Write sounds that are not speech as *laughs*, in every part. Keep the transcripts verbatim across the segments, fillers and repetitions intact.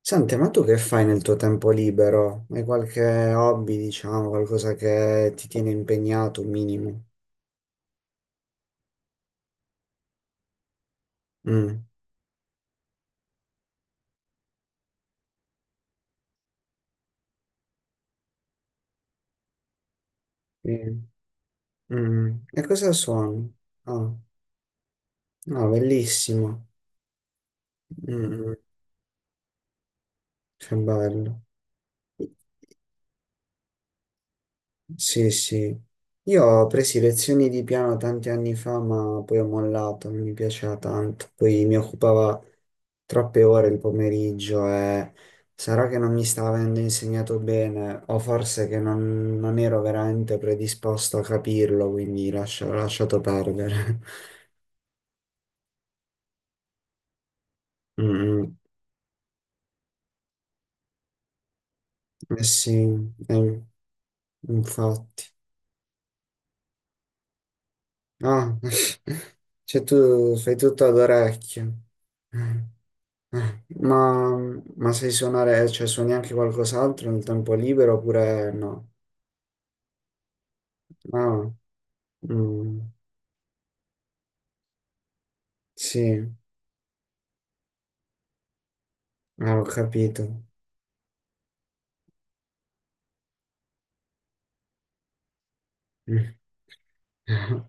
Senti, ma tu che fai nel tuo tempo libero? Hai qualche hobby, diciamo, qualcosa che ti tiene impegnato, un minimo? Mm, sì. Mm. E cosa suoni? Ah, no, bellissimo. Mm, mm, che bello. Sì, sì. Io ho preso lezioni di piano tanti anni fa, ma poi ho mollato, non mi piaceva tanto. Poi mi occupava troppe ore il pomeriggio e sarà che non mi stava avendo insegnato bene, o forse che non, non ero veramente predisposto a capirlo, quindi lascia- ho lasciato perdere. *laughs* Mm, mm. Eh sì, eh, infatti. Ah, *laughs* cioè tu fai tutto ad orecchio. Eh, Ma, ma sai suonare, cioè suoni anche qualcos'altro nel tempo libero oppure no? Ah, mm, sì, ah, ho capito. *laughs*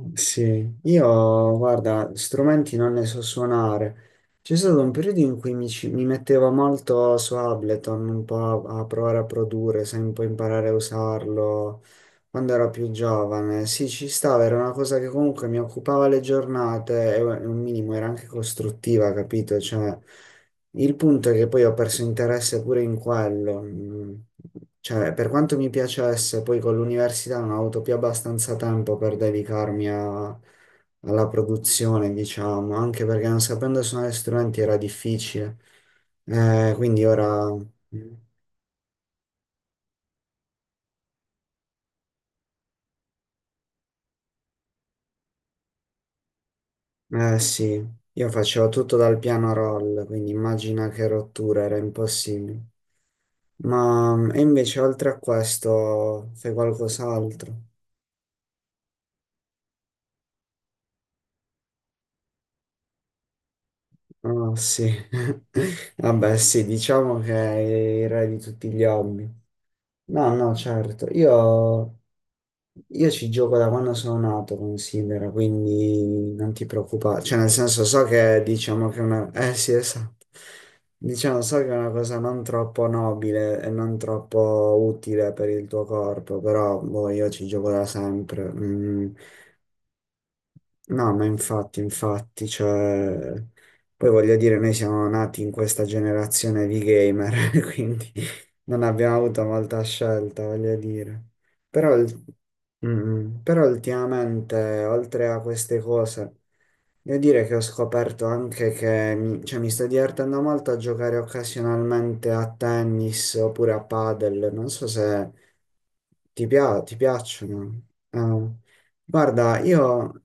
Mm. Sì, io guarda, strumenti non ne so suonare. C'è stato un periodo in cui mi, ci- mi mettevo molto su Ableton, un po' a, a provare a produrre, sai, un po' imparare a usarlo. Quando ero più giovane, sì, ci stava, era una cosa che comunque mi occupava le giornate e un minimo era anche costruttiva, capito? Cioè, il punto è che poi ho perso interesse pure in quello. Mm. Cioè, per quanto mi piacesse, poi con l'università non ho avuto più abbastanza tempo per dedicarmi a- alla produzione, diciamo, anche perché non sapendo suonare strumenti era difficile. Eh, quindi ora... Mm. Eh sì, io facevo tutto dal piano roll, quindi immagina che rottura, era impossibile. Ma mm, e invece oltre a questo fai qualcos'altro? Oh sì, *laughs* vabbè sì, diciamo che è il re di tutti gli hobby. No, no, certo, io. Io ci gioco da quando sono nato, considera, quindi non ti preoccupare. Cioè, nel senso, so che diciamo che è una... Eh sì, esatto. Diciamo, so che è una cosa non troppo nobile e non troppo utile per il tuo corpo, però boh, io ci gioco da sempre. Mm. No, ma infatti, infatti, cioè, poi voglio dire, noi siamo nati in questa generazione di gamer, *laughs* quindi non abbiamo avuto molta scelta, voglio dire. Però, il- mm, però ultimamente, oltre a queste cose, devo dire che ho scoperto anche che mi, cioè, mi sto divertendo molto a giocare occasionalmente a tennis oppure a padel, non so se ti pia- ti piacciono. Eh. Guarda, io...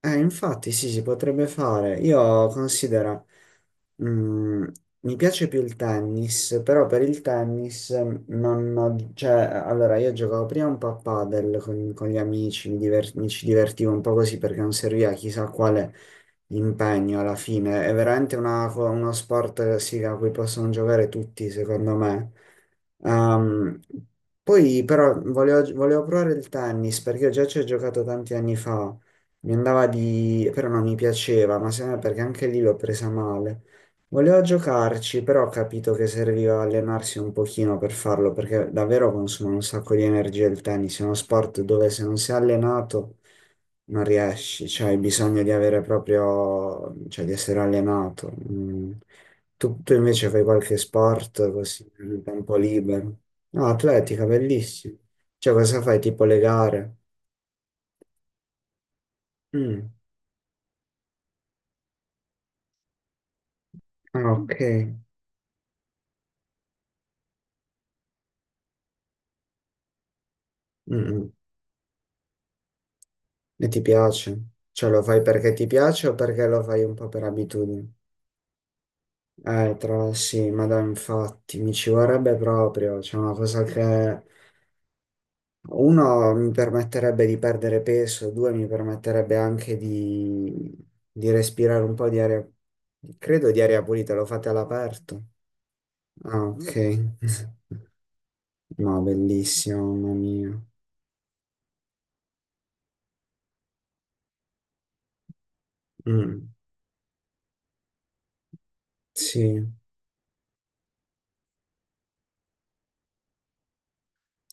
Eh, infatti sì, si potrebbe fare. Io considero... Mm, mi piace più il tennis, però per il tennis non ho, cioè, allora io giocavo prima un po' a padel con, con gli amici, mi, diver- mi ci divertivo un po' così perché non serviva chissà quale impegno alla fine. È veramente una co- uno sport sì, a cui possono giocare tutti, secondo me. Ehm, poi però volevo, volevo provare il tennis perché io già ci ho giocato tanti anni fa. Mi andava di... però non mi piaceva, ma secondo me perché anche lì l'ho presa male. Volevo giocarci, però ho capito che serviva allenarsi un pochino per farlo, perché davvero consuma un sacco di energia il tennis, è uno sport dove se non sei allenato non riesci, cioè hai bisogno di avere proprio, cioè di essere allenato. Mm. Tu, tu invece fai qualche sport così nel tempo libero. No, atletica, bellissimo. Cioè cosa fai? Tipo le gare? Mm. Ah, ok. Mm, mm. E ti piace? Cioè lo fai perché ti piace o perché lo fai un po' per abitudine? Eh, tra sì, ma dai, infatti, mi ci vorrebbe proprio, c'è una cosa che uno mi permetterebbe di perdere peso, due mi permetterebbe anche di, di respirare un po' di aria, credo di aria pulita, lo fate all'aperto. Ah, ok. *laughs* No, bellissimo, mamma mia. Mm, sì,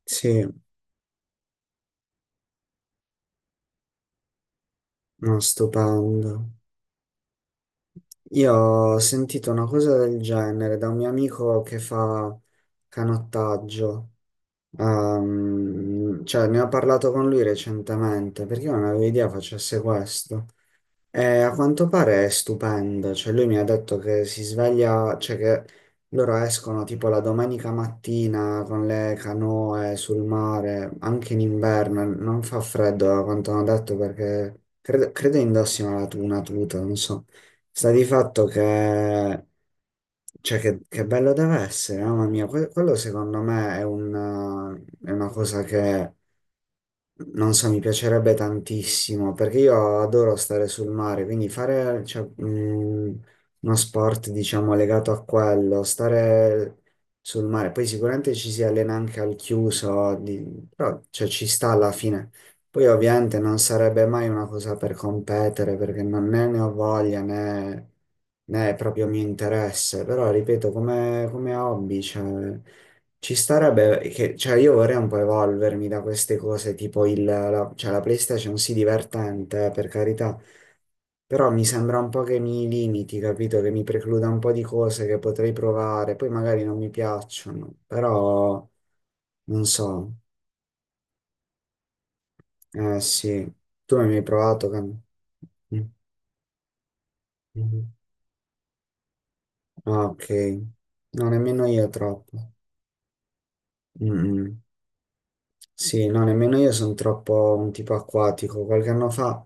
sì, no, stupendo. Io ho sentito una cosa del genere da un mio amico che fa canottaggio. Ehm, cioè, ne ho parlato con lui recentemente perché io non avevo idea facesse questo. Eh, a quanto pare è stupenda, cioè lui mi ha detto che si sveglia, cioè che loro escono tipo la domenica mattina con le canoe sul mare, anche in inverno, non fa freddo a quanto hanno detto perché credo, credo indossino la tu- una tuta, non so. Sta di fatto che, cioè che, che bello deve essere, mamma mia. Que- quello secondo me è una, è una cosa non so, mi piacerebbe tantissimo perché io adoro stare sul mare, quindi fare, cioè, mh, uno sport, diciamo, legato a quello, stare sul mare. Poi sicuramente ci si allena anche al chiuso, di- però, cioè, ci sta alla fine. Poi ovviamente non sarebbe mai una cosa per competere perché non né ne ho voglia né, né è proprio mio interesse, però ripeto, come, come hobby, cioè. Ci starebbe, che, cioè io vorrei un po' evolvermi da queste cose, tipo il, la, cioè la PlayStation sì divertente, eh, per carità, però mi sembra un po' che mi limiti, capito? Che mi precluda un po' di cose che potrei provare, poi magari non mi piacciono, però non so, eh sì, tu mi hai provato? Cam? Mm, mhm. Ah, ok, no, nemmeno io troppo. Mm, mm. Sì, no, nemmeno io sono troppo un tipo acquatico. Qualche anno fa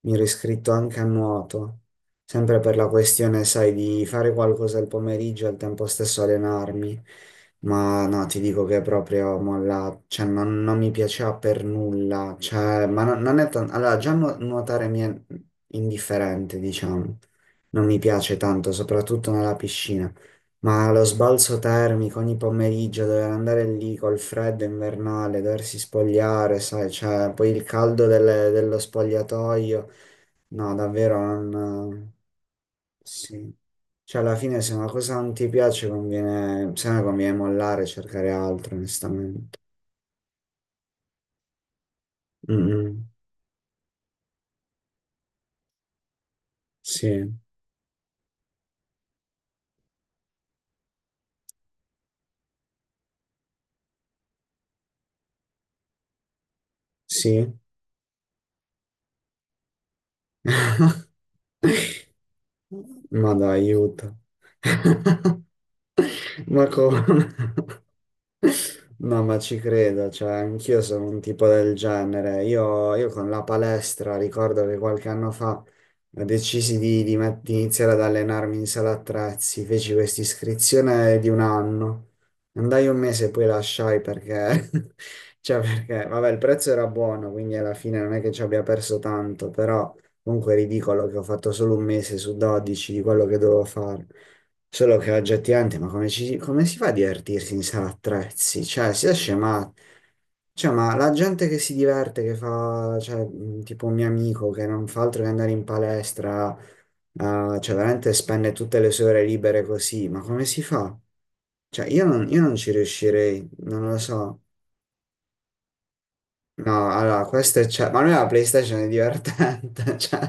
mi ero iscritto anche a nuoto, sempre per la questione, sai, di fare qualcosa al pomeriggio e al tempo stesso allenarmi. Ma no, ti dico che è proprio molla, cioè non, non mi piaceva per nulla. Cioè, ma no- non è tanto. Allora, già nu- nuotare mi è indifferente, diciamo. Non mi piace tanto, soprattutto nella piscina. Ma lo sbalzo termico ogni pomeriggio, dover andare lì col freddo invernale, doversi spogliare, sai, cioè, poi il caldo delle- dello spogliatoio, no, davvero non... Sì. Cioè, alla fine se una cosa non ti piace, conviene, se no conviene mollare e cercare altro, onestamente. Mm, sì, sì, ma dai, aiuto. *laughs* Ma come? No, ma ci credo, cioè anch'io sono un tipo del genere. Io, io con la palestra ricordo che qualche anno fa decisi di, di met- di iniziare ad allenarmi in sala attrezzi, feci questa iscrizione di un anno. Andai un mese e poi lasciai perché, *laughs* cioè perché, vabbè, il prezzo era buono, quindi alla fine non è che ci abbia perso tanto, però comunque è ridicolo che ho fatto solo un mese su dodici di quello che dovevo fare. Solo che oggi è tirante, ma come, ci- come si fa a divertirsi in sala attrezzi? Cioè, si esce, ma, cioè, ma la gente che si diverte, che fa, cioè, mh, tipo un mio amico che non fa altro che andare in palestra, eh, cioè, veramente spende tutte le sue ore libere così, ma come si fa? Cioè, io non, io non ci riuscirei, non lo so. No, allora, questo è... Cioè, ma noi la PlayStation è divertente, *laughs* cioè,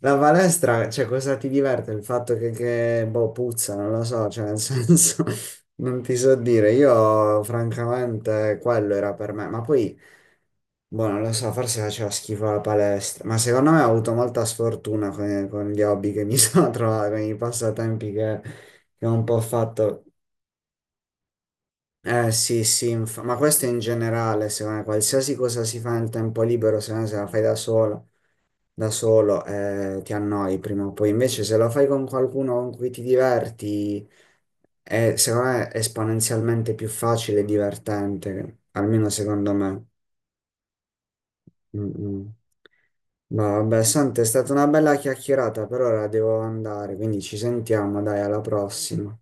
la palestra, cioè, cosa ti diverte? Il fatto che, che, boh, puzza, non lo so, cioè, nel senso, *laughs* non ti so dire, io, francamente, quello era per me, ma poi, boh, non lo so, forse faceva schifo la palestra, ma secondo me ho avuto molta sfortuna con, con gli hobby che mi *laughs* sono trovato, con i passatempi che, che ho un po' fatto, eh sì, sì, inf- ma questo in generale, secondo me, qualsiasi cosa si fa nel tempo libero, se no se la fai da solo, da solo eh, ti annoi prima o poi. Invece se lo fai con qualcuno con cui ti diverti, è, secondo me, esponenzialmente più facile e divertente, almeno secondo me. Mm, mm. Ma vabbè, Sante, è stata una bella chiacchierata, per ora devo andare, quindi ci sentiamo, dai, alla prossima.